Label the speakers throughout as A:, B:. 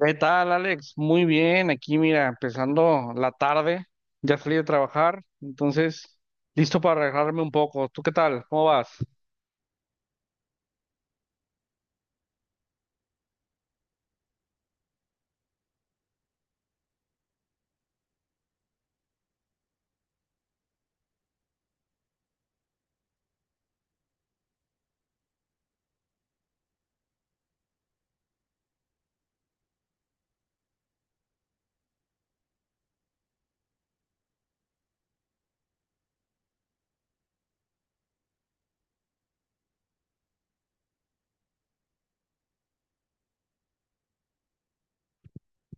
A: ¿Qué tal, Alex? Muy bien, aquí mira, empezando la tarde, ya salí de trabajar, entonces listo para relajarme un poco. ¿Tú qué tal? ¿Cómo vas?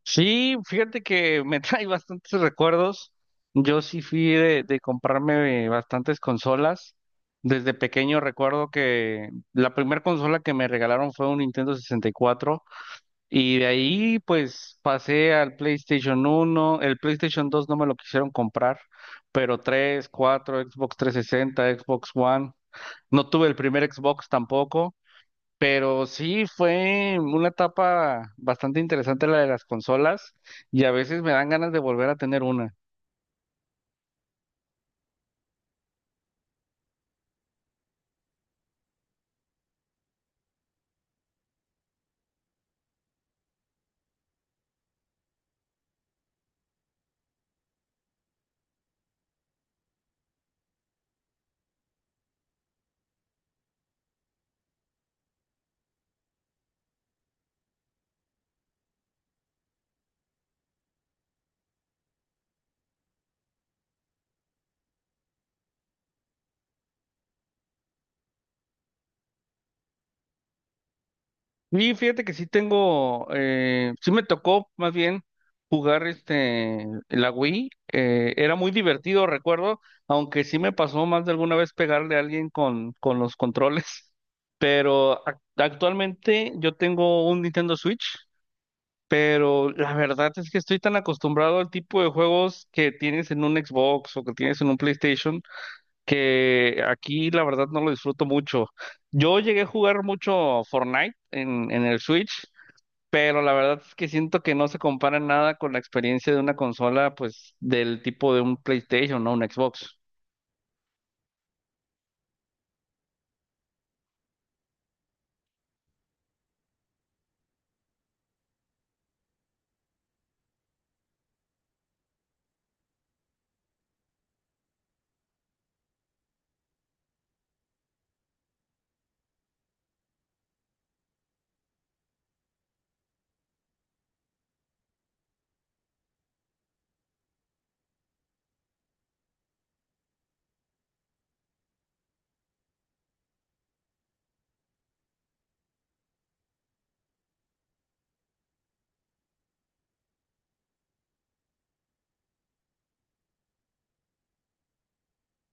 A: Sí, fíjate que me trae bastantes recuerdos. Yo sí fui de comprarme bastantes consolas. Desde pequeño recuerdo que la primera consola que me regalaron fue un Nintendo 64. Y de ahí pues pasé al PlayStation 1, el PlayStation 2 no me lo quisieron comprar, pero 3 4 Xbox 360, Xbox One. No tuve el primer Xbox tampoco, pero sí fue una etapa bastante interesante la de las consolas y a veces me dan ganas de volver a tener una. Y fíjate que sí tengo, sí me tocó más bien jugar la Wii, era muy divertido, recuerdo, aunque sí me pasó más de alguna vez pegarle a alguien con los controles, pero actualmente yo tengo un Nintendo Switch, pero la verdad es que estoy tan acostumbrado al tipo de juegos que tienes en un Xbox o que tienes en un PlayStation, que aquí la verdad no lo disfruto mucho. Yo llegué a jugar mucho Fortnite en el Switch, pero la verdad es que siento que no se compara nada con la experiencia de una consola, pues, del tipo de un PlayStation, ¿no? Un Xbox.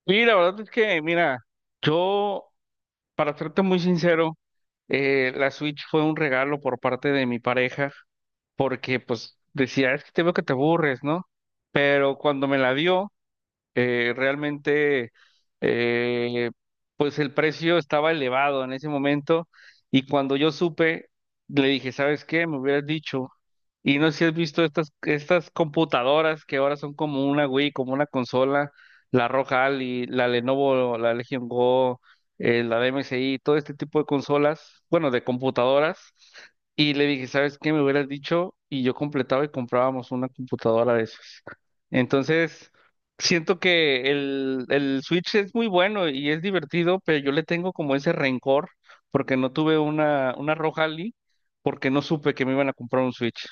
A: Y la verdad es que, mira, yo, para serte muy sincero, la Switch fue un regalo por parte de mi pareja, porque, pues, decía, es que te veo que te aburres, ¿no? Pero cuando me la dio, realmente, eh, pues el precio estaba elevado en ese momento y cuando yo supe, le dije, ¿sabes qué? Me hubieras dicho. Y no sé si has visto estas computadoras que ahora son como una Wii, como una consola, la Roja Ali, la Lenovo, la Legion Go, la de MSI, todo este tipo de consolas, bueno, de computadoras. Y le dije, ¿sabes qué? Me hubieras dicho y yo completaba y comprábamos una computadora de esas. Entonces. Siento que el Switch es muy bueno y es divertido, pero yo le tengo como ese rencor porque no tuve una Rojali, porque no supe que me iban a comprar un Switch.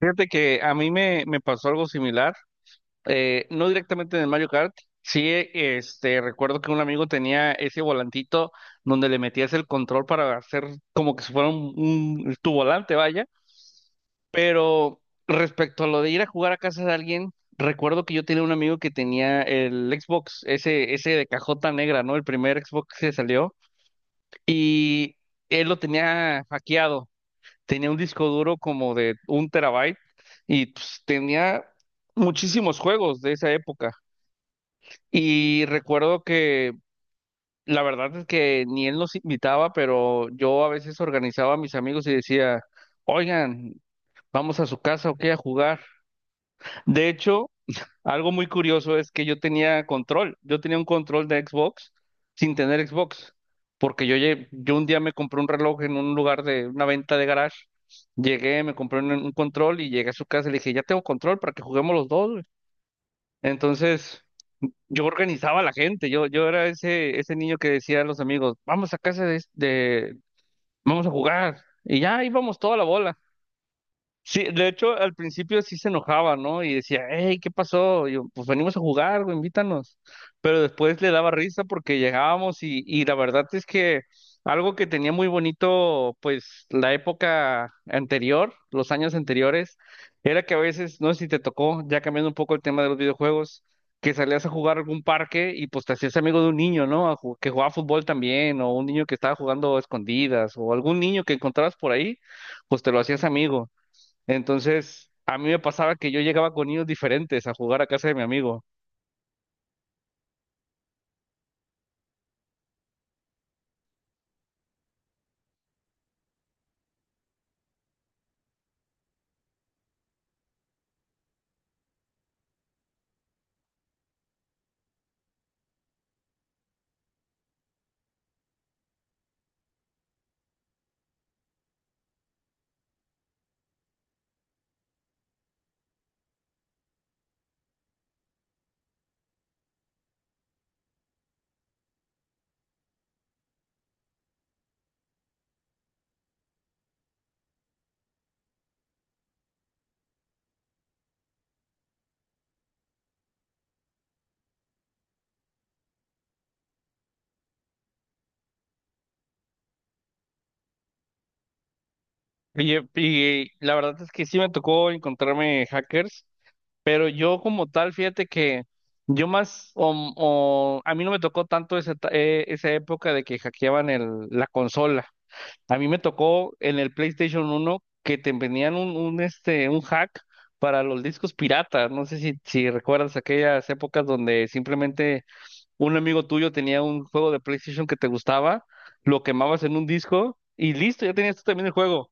A: Fíjate que a mí me pasó algo similar, no directamente en el Mario Kart. Sí, recuerdo que un amigo tenía ese volantito donde le metías el control para hacer como que si fuera tu volante, vaya. Pero respecto a lo de ir a jugar a casa de alguien, recuerdo que yo tenía un amigo que tenía el Xbox, ese de cajota negra, ¿no? El primer Xbox que salió, y él lo tenía hackeado. Tenía un disco duro como de un terabyte y pues, tenía muchísimos juegos de esa época. Y recuerdo que la verdad es que ni él nos invitaba, pero yo a veces organizaba a mis amigos y decía, oigan, vamos a su casa o qué a jugar. De hecho, algo muy curioso es que yo tenía control, yo tenía un control de Xbox sin tener Xbox, porque yo un día me compré un reloj en un lugar de una venta de garage, llegué, me compré un control y llegué a su casa y le dije, ya tengo control para que juguemos los dos, güey". Entonces yo organizaba a la gente, yo era ese, ese niño que decía a los amigos, vamos a casa vamos a jugar, y ya íbamos toda la bola. Sí, de hecho, al principio sí se enojaba, ¿no? Y decía, hey, ¿qué pasó? Y yo, pues venimos a jugar, güey, invítanos. Pero después le daba risa porque llegábamos y la verdad es que algo que tenía muy bonito, pues, la época anterior, los años anteriores, era que a veces, no sé si te tocó, ya cambiando un poco el tema de los videojuegos, que salías a jugar a algún parque y pues te hacías amigo de un niño, ¿no? Que jugaba fútbol también, o un niño que estaba jugando a escondidas, o algún niño que encontrabas por ahí, pues te lo hacías amigo. Entonces, a mí me pasaba que yo llegaba con niños diferentes a jugar a casa de mi amigo. Y la verdad es que sí me tocó encontrarme hackers, pero yo como tal, fíjate que yo más, a mí no me tocó tanto esa época de que hackeaban la consola. A mí me tocó en el PlayStation uno que te vendían un hack para los discos piratas. No sé si recuerdas aquellas épocas donde simplemente un amigo tuyo tenía un juego de PlayStation que te gustaba, lo quemabas en un disco y listo, ya tenías tú también el juego.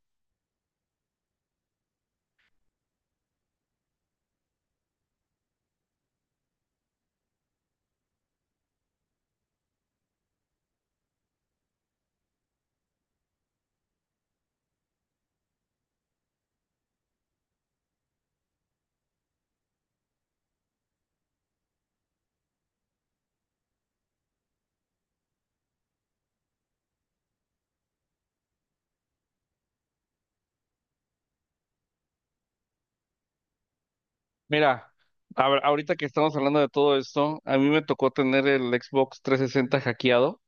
A: Mira, a ahorita que estamos hablando de todo esto, a mí me tocó tener el Xbox 360 hackeado,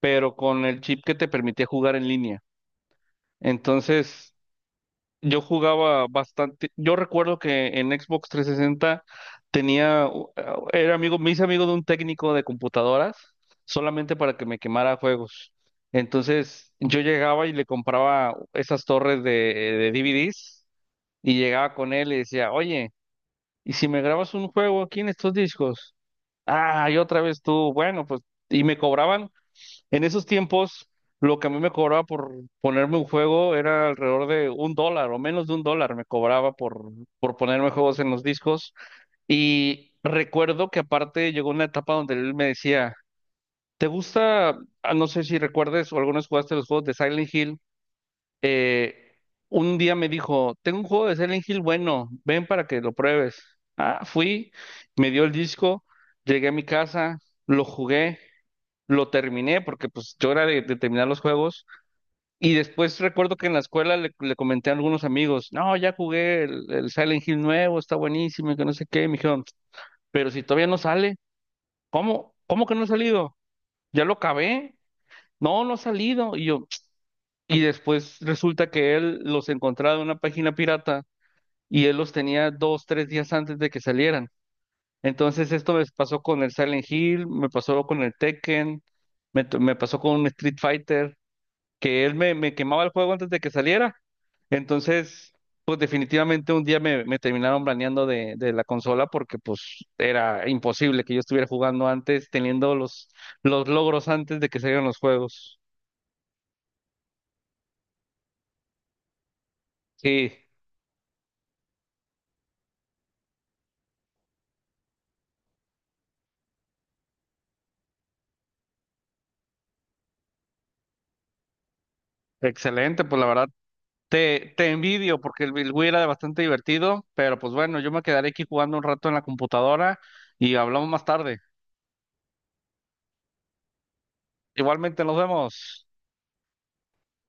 A: pero con el chip que te permitía jugar en línea. Entonces, yo jugaba bastante. Yo recuerdo que en Xbox 360 tenía, era amigo, me hice amigo de un técnico de computadoras solamente para que me quemara juegos. Entonces yo llegaba y le compraba esas torres de DVDs y llegaba con él y decía, oye, ¿y si me grabas un juego aquí en estos discos? Ah, y otra vez tú, bueno, pues, y me cobraban en esos tiempos, lo que a mí me cobraba por ponerme un juego era alrededor de un dólar o menos de un dólar me cobraba por ponerme juegos en los discos. Y recuerdo que aparte llegó una etapa donde él me decía, ¿te gusta? Ah, no sé si recuerdes o algunos jugaste los juegos de Silent Hill. Eh, un día me dijo, tengo un juego de Silent Hill bueno, ven para que lo pruebes. Ah, fui, me dio el disco, llegué a mi casa, lo jugué. Lo terminé porque pues yo era de terminar los juegos y después recuerdo que en la escuela le comenté a algunos amigos, no, ya jugué el Silent Hill nuevo, está buenísimo y que no sé qué, y me dijeron, pero si todavía no sale, ¿cómo? ¿Cómo que no ha salido? ¿Ya lo acabé? No, no ha salido. Y yo, y después resulta que él los encontraba en una página pirata y él los tenía dos, tres días antes de que salieran. Entonces esto me pasó con el Silent Hill, me pasó con el Tekken, me pasó con un Street Fighter, que él me quemaba el juego antes de que saliera. Entonces, pues definitivamente un día me terminaron baneando de la consola porque pues era imposible que yo estuviera jugando antes, teniendo los logros antes de que salieran los juegos. Sí, excelente, pues la verdad te envidio porque el Wii era bastante divertido, pero pues bueno, yo me quedaré aquí jugando un rato en la computadora y hablamos más tarde. Igualmente nos vemos.